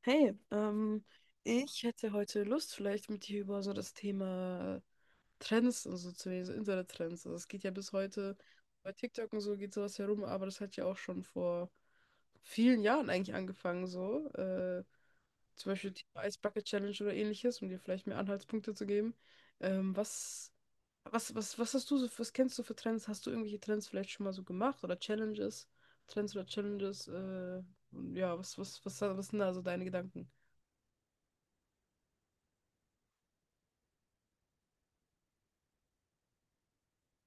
Hey, ich hätte heute Lust, vielleicht mit dir über so das Thema Trends und so zu reden, so Internet-Trends. Also es geht ja bis heute, bei TikTok und so geht sowas herum, aber das hat ja auch schon vor vielen Jahren eigentlich angefangen, so. Zum Beispiel die Ice Bucket Challenge oder ähnliches, um dir vielleicht mehr Anhaltspunkte zu geben. Ähm, was, was hast du so, was kennst du für Trends? Hast du irgendwelche Trends vielleicht schon mal so gemacht oder Challenges? Trends oder Challenges? Ja, was sind da so deine Gedanken?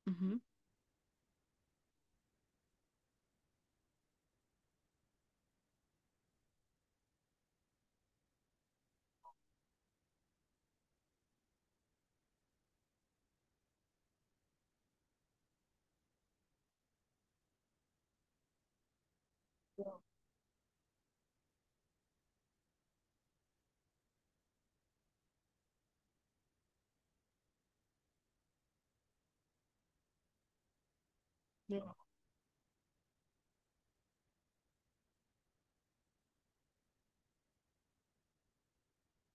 Mhm. Ja.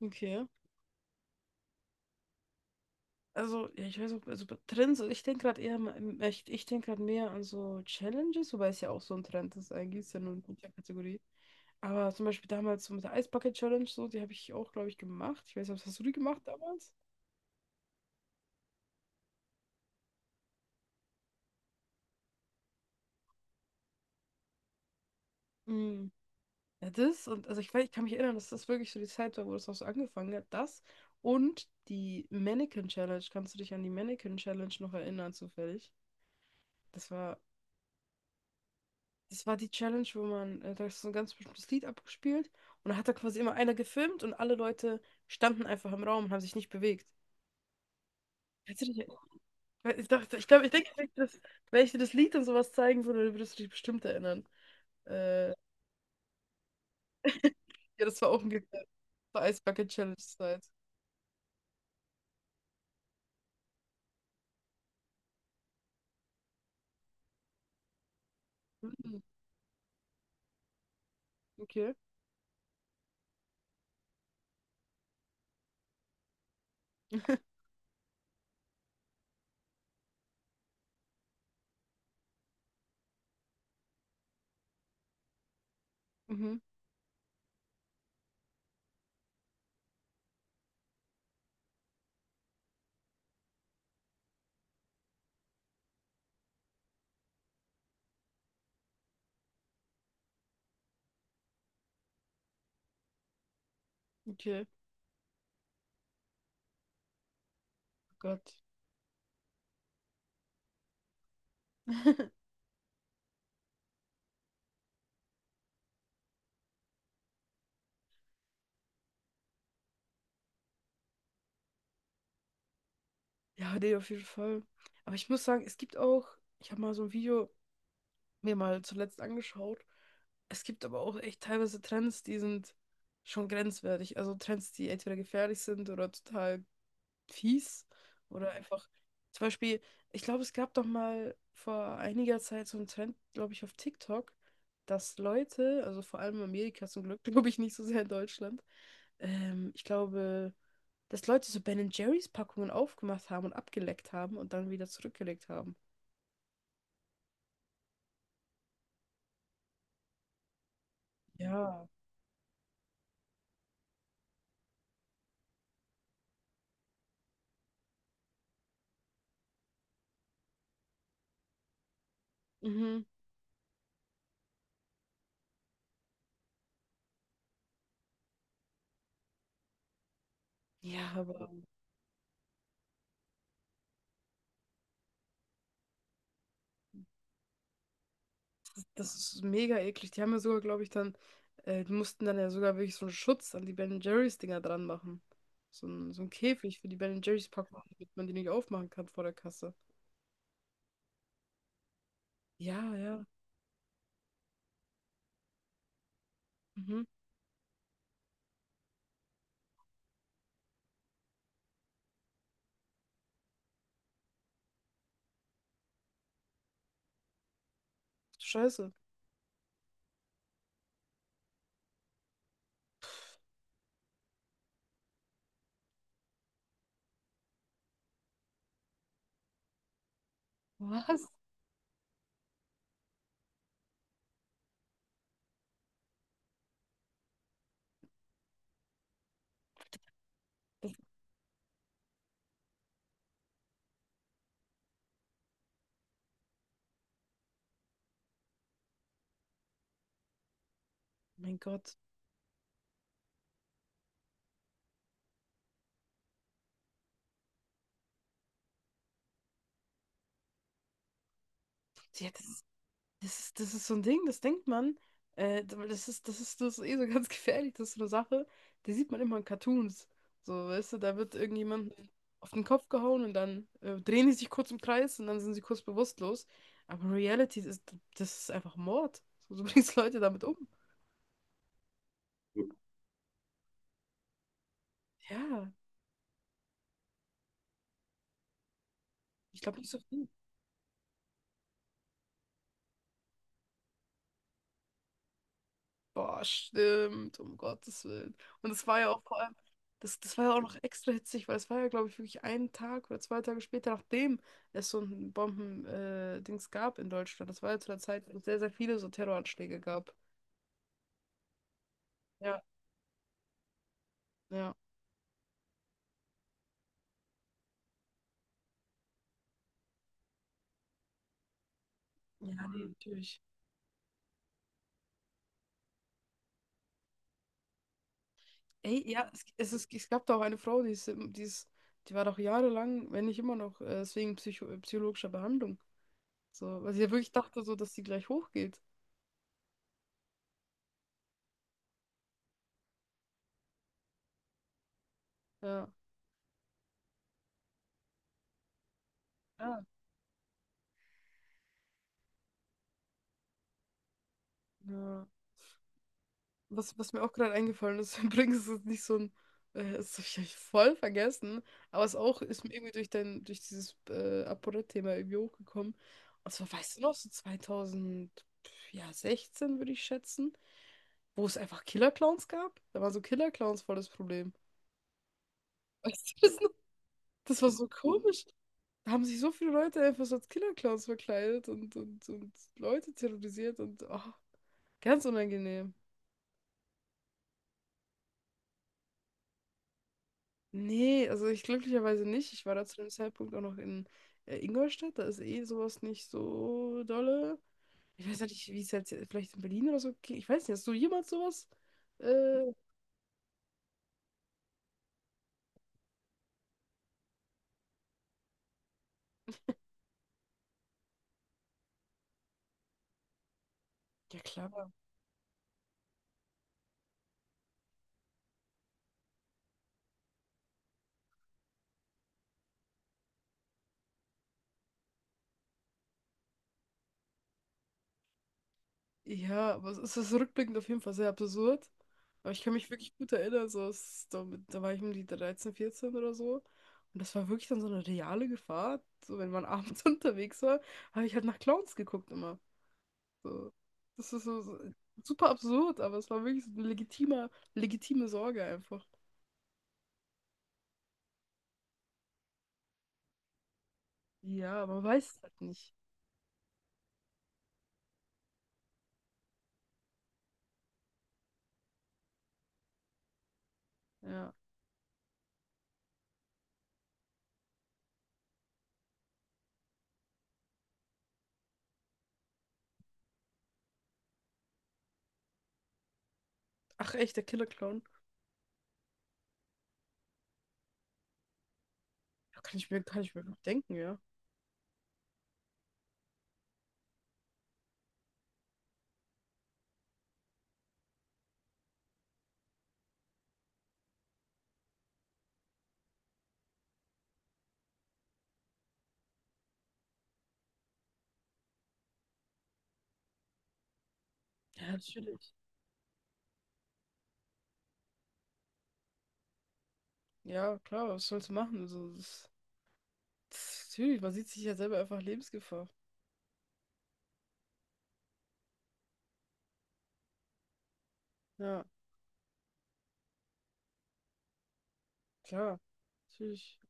Okay. Also, ja, ich weiß auch, also bei Trends, ich denke gerade eher, ich denke gerade mehr an so Challenges, wobei es ja auch so ein Trend ist, eigentlich ist ja nur eine Kategorie. Aber zum Beispiel damals so mit der Eisbucket Challenge, so, die habe ich auch, glaube ich, gemacht. Ich weiß nicht, was hast du die gemacht damals? Mhm. Ja, das und also ich weiß, ich kann mich erinnern, dass das wirklich so die Zeit war, wo das auch so angefangen hat. Das die Mannequin Challenge. Kannst du dich an die Mannequin Challenge noch erinnern, zufällig? Das war Das war die Challenge, wo man, da ist so ein ganz bestimmtes Lied abgespielt und da hat da quasi immer einer gefilmt und alle Leute standen einfach im Raum und haben sich nicht bewegt. Kannst du dich, ich dachte, ich glaube, Ich denke, wenn ich, das, wenn ich dir das Lied und sowas zeigen würde, dann würdest du dich bestimmt erinnern. Ja, das war auch ein Glück das Ice Bucket Challenge Zeit. Mhm, okay. Mhm, okay. Oh Gott. Ja, nee, auf jeden Fall. Aber ich muss sagen, es gibt auch, ich habe mal so ein Video mir mal zuletzt angeschaut. Es gibt aber auch echt teilweise Trends, die sind schon grenzwertig. Also Trends, die entweder gefährlich sind oder total fies oder einfach. Zum Beispiel, ich glaube, es gab doch mal vor einiger Zeit so einen Trend, glaube ich, auf TikTok, dass Leute, also vor allem in Amerika zum Glück, glaube ich nicht so sehr in Deutschland, ich glaube, dass Leute so Ben und Jerry's Packungen aufgemacht haben und abgeleckt haben und dann wieder zurückgelegt haben. Ja. Mhm. Ja, aber das ist mega eklig. Die haben ja sogar, glaube ich, dann, die mussten dann ja sogar wirklich so einen Schutz an die Ben Jerry's Dinger dran machen. So ein Käfig für die Ben Jerry's Packung, damit man die nicht aufmachen kann vor der Kasse. Ja, ja. Mhm. Scheiße. Mein Gott. Sie hätte das ist, das ist so ein Ding, das denkt man. Weil das ist, das ist, das ist eh so ganz gefährlich, das ist so eine Sache. Die sieht man immer in Cartoons. So, weißt du, da wird irgendjemand auf den Kopf gehauen und dann drehen die sich kurz im Kreis und dann sind sie kurz bewusstlos. Aber Reality ist, das ist einfach Mord. So, du bringst Leute damit um. Ja, ich glaube nicht so viel. Boah, stimmt, um Gottes Willen. Und es war ja auch vor allem, das, das war ja auch noch extra hitzig, weil es war ja, glaube ich, wirklich einen Tag oder zwei Tage später, nachdem es so ein Bomben-Dings Dings gab in Deutschland. Das war ja zu der Zeit, wo es sehr, sehr viele so Terroranschläge gab. Ja, Ja. ja, nee, natürlich. Ey, ja, es gab da auch eine Frau, die ist, im- die ist, die war doch jahrelang, wenn nicht immer noch, deswegen psychologischer Behandlung. So, weil sie ja wirklich dachte, so, dass sie gleich hochgeht. Ja. Ja. Ja. Was, was mir auch gerade eingefallen ist, übrigens ist es nicht so ein, das habe ich voll vergessen, aber es auch ist mir irgendwie durch dein, durch dieses ApoRed-Thema irgendwie hochgekommen. Und zwar, weißt du noch, so 2016 würde ich schätzen, wo es einfach Killer-Clowns gab. Da waren so Killer-Clowns voll das Problem. Weißt du das noch? Das war so komisch. Da haben sich so viele Leute einfach so als Killer-Clowns verkleidet und Leute terrorisiert und oh, ganz unangenehm. Nee, also ich glücklicherweise nicht. Ich war da zu dem Zeitpunkt auch noch in Ingolstadt. Da ist eh sowas nicht so dolle. Ich weiß nicht, wie es jetzt vielleicht in Berlin oder so ging. Ich weiß nicht, hast du jemals sowas? Äh, ja, klar. Ja, aber es ist rückblickend auf jeden Fall sehr absurd. Aber ich kann mich wirklich gut erinnern, so es, da, da war ich um die 13, 14 oder so. Und das war wirklich dann so eine reale Gefahr. So, wenn man abends unterwegs war, habe ich halt nach Clowns geguckt immer. So. Das ist so, so super absurd, aber es war wirklich so eine legitime, legitime Sorge einfach. Ja, man weiß es halt nicht. Ja. Ach echt, der Killer Clown. Ja, kann ich mir noch denken, ja. Ja, natürlich. Ja, klar, was sollst du machen? Also, das, das, natürlich, man sieht sich ja selber einfach Lebensgefahr. Ja, klar. Natürlich.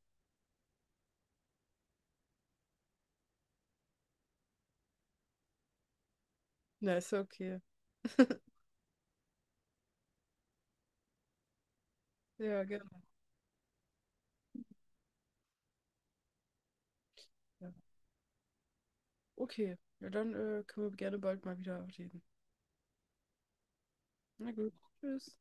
Na, ist ja okay. ja, gerne. Ja. Okay. Ja, dann können wir gerne bald mal wieder reden. Na gut. Tschüss.